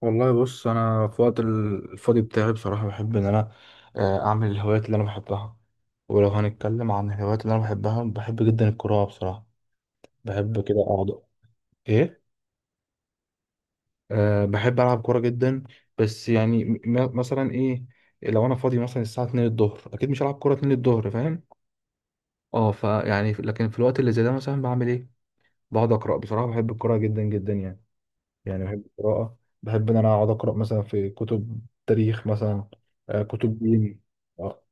والله بص انا في وقت الفاضي بتاعي بصراحه بحب ان انا اعمل الهوايات اللي انا بحبها. ولو هنتكلم عن الهوايات اللي انا بحبها، بحب جدا القراءه بصراحه. بحب كده اقعد. ايه؟ أه بحب العب كوره جدا. بس يعني مثلا ايه، لو انا فاضي مثلا الساعه 2 الظهر، اكيد مش هلعب كوره 2 الظهر، فاهم؟ اه لكن في الوقت اللي زي ده مثلا بعمل ايه؟ بقعد اقرا، بصراحه بحب القراءه جدا جدا يعني. يعني بحب القراءة. بحب إن أنا أقعد أقرأ مثلا في كتب تاريخ مثلا، كتب دين. آه،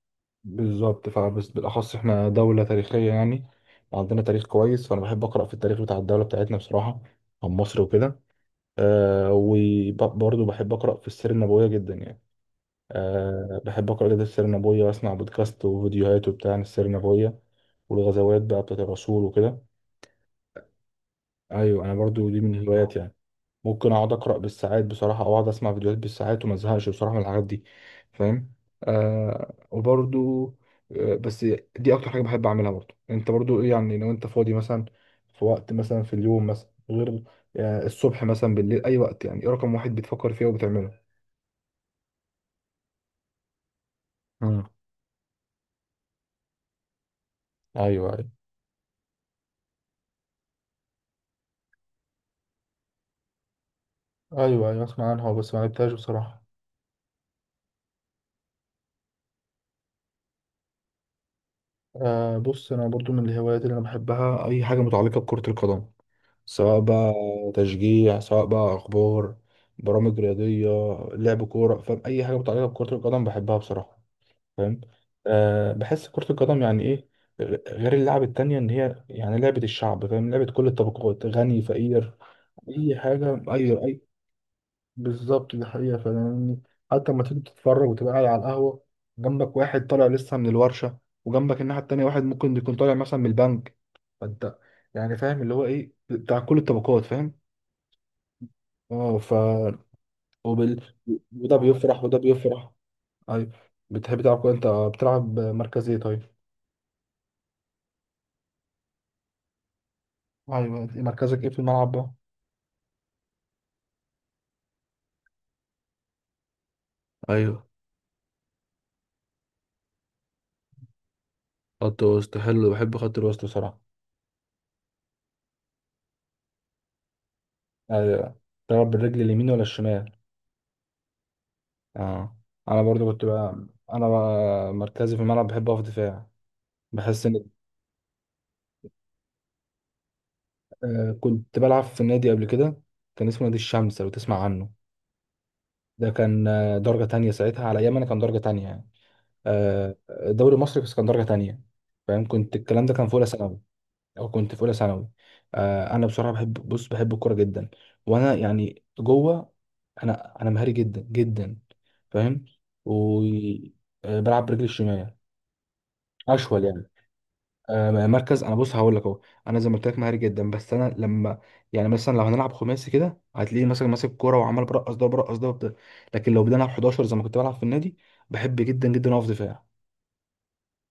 بالظبط، فبس بالأخص إحنا دولة تاريخية يعني، عندنا تاريخ كويس. فأنا بحب أقرأ في التاريخ بتاع الدولة بتاعتنا بصراحة، عن مصر وكده. وبرضه بحب أقرأ في السيرة النبوية جدا يعني. أه بحب أقرأ جدا السيرة النبوية، وأسمع بودكاست وفيديوهات وبتاع عن السيرة النبوية والغزوات بقى بتاعت الرسول وكده. أيوه أنا برضه دي من هواياتي يعني. ممكن اقعد اقرا بالساعات بصراحه، او اقعد اسمع فيديوهات بالساعات، وما ازهقش بصراحه من الحاجات دي. فاهم؟ آه وبرضو آه بس دي اكتر حاجه بحب اعملها. برضو انت برضو ايه يعني، لو انت فاضي مثلا في وقت مثلا في اليوم مثلا، غير الصبح مثلا، بالليل، اي وقت يعني، ايه رقم واحد بتفكر فيه وبتعمله؟ مم. ايوه ايوه. ايوه ايوه اسمع عنها بس ما لعبتهاش بصراحه. بص انا برضو من الهوايات اللي انا بحبها اي حاجه متعلقه بكره القدم، سواء بقى تشجيع، سواء بقى اخبار، برامج رياضيه، لعب كوره. فاهم؟ اي حاجه متعلقه بكره القدم بحبها بصراحه. فاهم؟ أه بحس كره القدم يعني ايه، غير اللعب التانية، ان هي يعني لعبه الشعب. فاهم؟ لعبه كل الطبقات، غني فقير. اي حاجه، اي بالظبط، دي حقيقه. فاهم؟ حتى لما تيجي تتفرج وتبقى قاعد على القهوه، جنبك واحد طالع لسه من الورشه، وجنبك الناحيه التانية واحد ممكن يكون طالع مثلا من البنك. فانت يعني، فاهم؟ اللي هو ايه بتاع كل الطبقات. فاهم؟ اه ف وبال... وده بيفرح وده بيفرح. ايوه بتحب تلعب كورة انت، بتلعب مركز ايه طيب؟ ايوه مركزك ايه في الملعب بقى؟ ايوه خط وسط، حلو، بحب خط الوسط بصراحه. ايوه تلعب بالرجل اليمين ولا الشمال؟ اه انا برضو كنت بقى، انا بقى مركزي في الملعب بحب اقف دفاع. بحس ان كنت بلعب في النادي قبل كده، كان اسمه نادي الشمس لو تسمع عنه. ده كان درجة تانية ساعتها، على ايام انا كان درجة تانية يعني، الدوري المصري بس كان درجة تانية. فاهم؟ كنت الكلام ده كان في أولى ثانوي، أو كنت في أولى ثانوي. أنا بصراحة بحب، بص بحب الكورة جدا، وأنا يعني جوه أنا مهاري جدا جدا. فاهم؟ وبلعب برجلي الشمال. أشول يعني. مركز، أنا بص هقول لك أهو، أنا زي ما قلت لك مهاري جدا. بس أنا لما يعني مثلا لو هنلعب خماسي كده هتلاقيني مثلا ماسك الكورة وعمال برقص ده وبرقص ده وبتاع. لكن لو بدنا نلعب 11 زي ما كنت بلعب في النادي بحب جدا جدا أقف دفاع.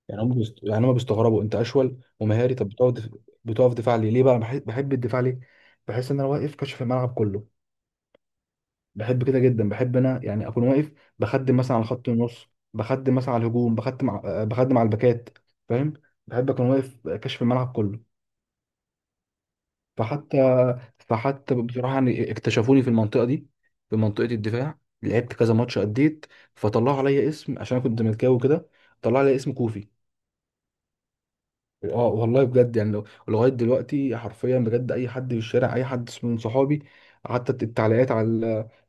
يعني هم بيست... يعني هم بيستغربوا انت اشول ومهاري، طب بتقف دف... بتقف دفاع ليه؟ ليه بقى بحب... بحب الدفاع ليه؟ بحس ان انا واقف كشف الملعب كله. بحب كده جدا، بحب انا يعني اكون واقف، بخدم مثلا على خط النص، بخدم مثلا على الهجوم، بخدم ع- آه، بخدم على الباكات. فاهم؟ بحب اكون واقف كشف الملعب كله. فحتى فحتى بصراحه يعني اكتشفوني في المنطقه دي، في منطقه الدفاع. لعبت كذا ماتش اديت، فطلعوا عليا اسم، عشان انا كنت ملكاوي كده، طلعوا عليا اسم كوفي. اه والله بجد يعني، لو لغايه دلوقتي حرفيا بجد، اي حد في الشارع، اي حد من صحابي، حتى التعليقات على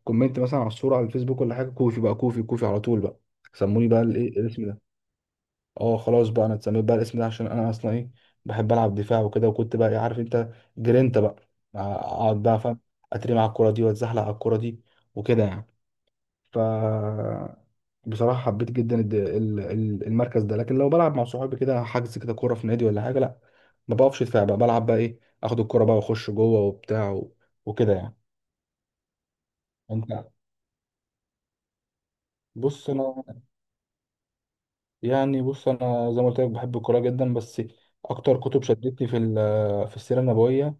الكومنت مثلا على الصوره على الفيسبوك ولا حاجه، كوفي بقى، كوفي على طول بقى. سموني بقى الايه، الاسم ده. اه خلاص بقى انا اتسميت بقى الاسم ده، عشان انا اصلا ايه، بحب العب دفاع وكده. وكنت بقى إيه عارف انت، جرينتا بقى، اقعد بقى، فاهم؟ اترمي على الكوره دي، واتزحلق على الكوره دي، وكده يعني. ف بصراحة حبيت جدا المركز ده. لكن لو بلعب مع صحابي كده، حجز كده كورة في نادي ولا حاجة، لا ما بقفش دفاع بقى، بلعب بقى ايه، اخد الكورة بقى واخش جوه وبتاع وكده يعني. انت، بص انا يعني، بص انا زي ما قلت لك بحب الكورة جدا، بس اكتر كتب شدتني في في السيرة النبوية.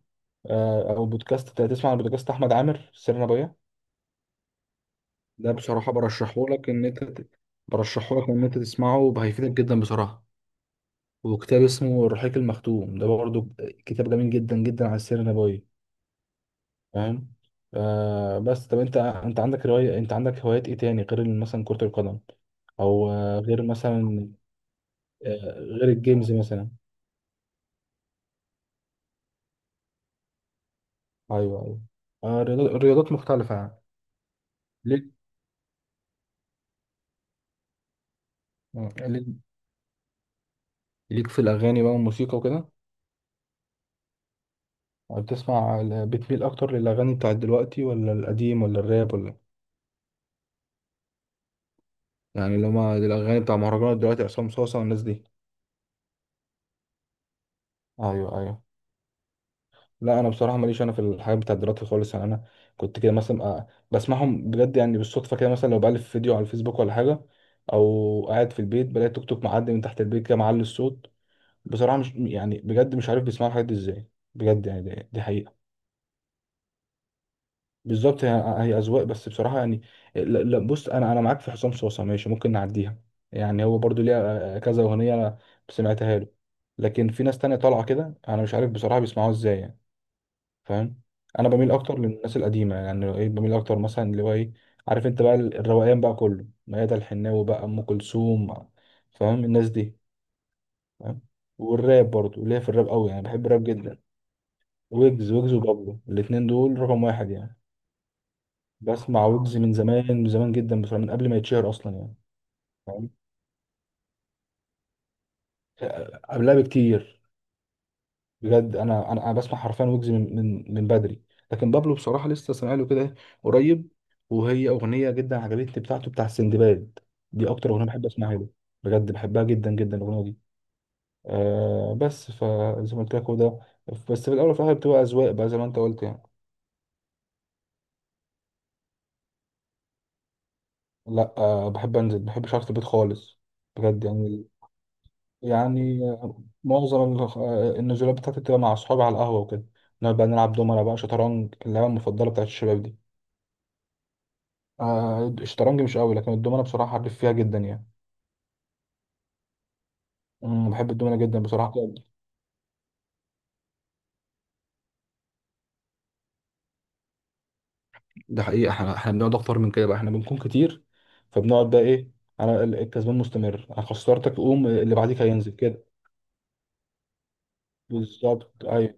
او بودكاست، تسمع عن بودكاست احمد عامر السيرة النبوية؟ ده بصراحة برشحه لك ان برشحه لك ان انت تسمعه، هيفيدك جدا بصراحة. وكتاب اسمه الرحيق المختوم، ده برضه كتاب جميل جدا جدا على السيرة النبوية. فاهم؟ آه بس طب انت، انت عندك رواية، انت عندك هوايات ايه تاني غير مثلا كرة القدم، او غير مثلا، غير الجيمز مثلا. ايوه ايوه، رياضات، رياضات مختلفة يعني. ليك، ليك ليك في الاغاني بقى والموسيقى وكده. بتسمع بتميل اكتر للاغاني بتاعت دلوقتي ولا القديم ولا الراب ولا؟ يعني لما الاغاني بتاع مهرجانات دلوقتي، عصام صاصا والناس دي. ايوه ايوه. لا انا بصراحه ماليش انا في الحاجات بتاعت دلوقتي خالص يعني. انا كنت كده مثلا، بسمعهم بجد يعني بالصدفه كده، مثلا لو بألف فيديو على الفيسبوك ولا حاجه، او قاعد في البيت بلاقي توك توك معدي من تحت البيت كده معلي الصوت. بصراحه مش يعني بجد مش عارف بيسمعوا الحاجات دي ازاي. بجد يعني دي حقيقه. بالظبط، هي هي اذواق، بس بصراحه يعني، لا لا، بص انا معاك في حسام صوصه ماشي، ممكن نعديها. يعني هو برضو ليها كذا اغنيه انا سمعتها له. لكن في ناس تانية طالعه كده انا مش عارف بصراحه بيسمعوها ازاي يعني. فاهم؟ انا بميل اكتر للناس القديمه، يعني ايه بميل اكتر مثلا اللي هو ايه، عارف انت بقى الروقان بقى كله، ميادة الحناوي بقى، ام كلثوم. فاهم الناس دي؟ فاهم؟ والراب برضو ليا في الراب قوي يعني، بحب الراب جدا. ويجز وبابلو الاتنين دول رقم واحد يعني. بسمع ويجز من زمان، من زمان جدا بصراحه، من قبل ما يتشهر اصلا يعني. فاهم؟ قبلها بكتير. بجد انا بسمع حرفيا ويجز من من بدري. لكن بابلو بصراحه لسه سامع له كده قريب، وهي اغنيه جدا عجبتني بتاعته بتاع سندباد، دي اكتر اغنيه بحب اسمعها له. بجد بحبها جدا جدا الاغنيه دي. آه بس فزي ما قلت لك هو ده، بس في الاول وفي الاخر بتبقى اذواق بقى زي ما انت قلت يعني. لا بحب انزل، ما بحبش اقعد في البيت خالص. بجد يعني، يعني معظم النزولات بتاعتي بتبقى مع اصحابي على القهوه وكده، نقعد بقى نلعب دومنة بقى، شطرنج، اللعبه المفضله بتاعت الشباب دي. الشطرنج مش قوي، لكن الدومنة بصراحة حريف فيها جدا يعني. أمم، بحب الدومنة جدا بصراحة. ده حقيقة، احنا بنقعد اكتر من كده بقى، احنا بنكون كتير. فبنقعد بقى ايه، انا الكسبان مستمر، انا خسرتك قوم، اللي بعديك هينزل كده. بالظبط ايوه.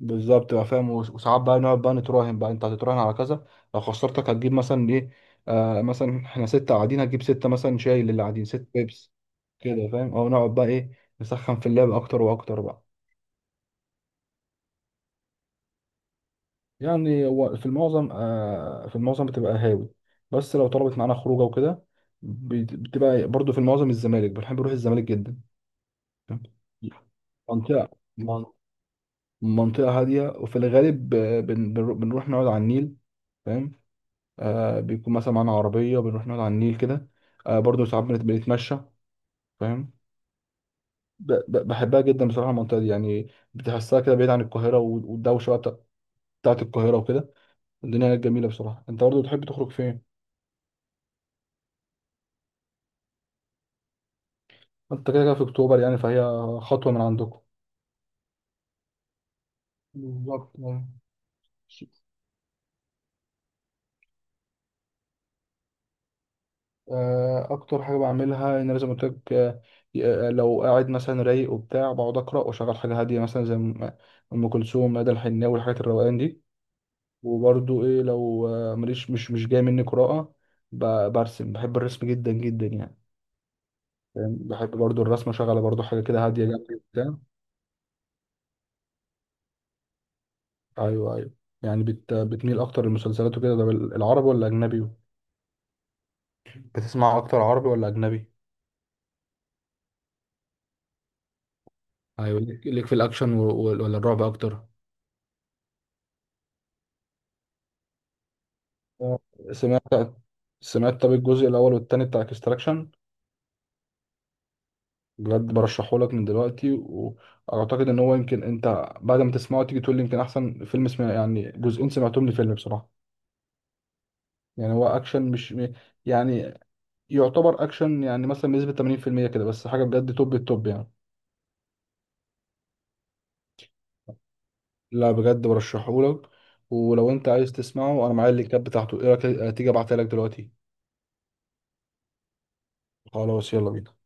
بالظبط بقى فاهم، وساعات بقى نقعد بقى نتراهن بقى، انت هتتراهن على كذا، لو خسرتك هتجيب مثلا ايه. مثلا احنا ستة قاعدين هتجيب ستة، مثلا شايل اللي قاعدين ست بيبس كده. فاهم؟ او نقعد بقى ايه، نسخن في اللعب اكتر واكتر بقى. يعني هو في المعظم في المعظم بتبقى هاوي، بس لو طلبت معانا خروجه وكده بتبقى برضو في المعظم الزمالك. بنحب نروح الزمالك جدا. فاهم؟ منطقة، من- منطقة هادية، وفي الغالب بنروح نقعد على النيل. فاهم؟ بيكون مثلا معانا عربية، بنروح نقعد على النيل كده. برضو ساعات بنتمشى. فاهم؟ بحبها جدا بصراحة المنطقة دي، يعني بتحسها كده بعيد عن القاهرة والدوشة بقى بتاعت القاهرة وكده. الدنيا جميلة بصراحة. انت برضو بتحب تخرج فين؟ انت كده كده في اكتوبر يعني، فهي خطوه من عندكم. بالظبط أيوة. اكتر حاجه بعملها ان انا زي ما قلت لك، لو قاعد مثلا رايق وبتاع، بقعد اقرا واشغل حاجه هاديه مثلا زي ام أم كلثوم، مدى الحناوي، الحاجات الروقان دي. وبرضو ايه، لو ماليش، مش جاي مني قراءه، برسم. بحب الرسم جدا جدا يعني. فاهم؟ بحب برضو الرسم، اشغل برضو حاجه كده هاديه جنبي وبتاع. ايوه ايوه. يعني بتميل اكتر للمسلسلات وكده ده، العربي ولا اجنبي، بتسمع اكتر عربي ولا اجنبي؟ ايوه ليك، ليك في الاكشن ولا الرعب اكتر؟ آه، سمعت سمعت طب الجزء الاول والتاني بتاع اكستراكشن؟ بجد برشحه لك من دلوقتي، واعتقد ان هو يمكن انت بعد ما تسمعه تيجي تقول لي يمكن احسن فيلم سمع يعني، جزئين سمعتهم لفيلم بصراحه. يعني هو اكشن مش م- يعني، يعتبر اكشن يعني مثلا بنسبه 80% كده، بس حاجه بجد توب التوب يعني. لا بجد برشحه لك. ولو انت عايز تسمعه انا معايا اللينكات بتاعته، ايه رايك تيجي ابعتها لك دلوقتي؟ خلاص يلا بينا.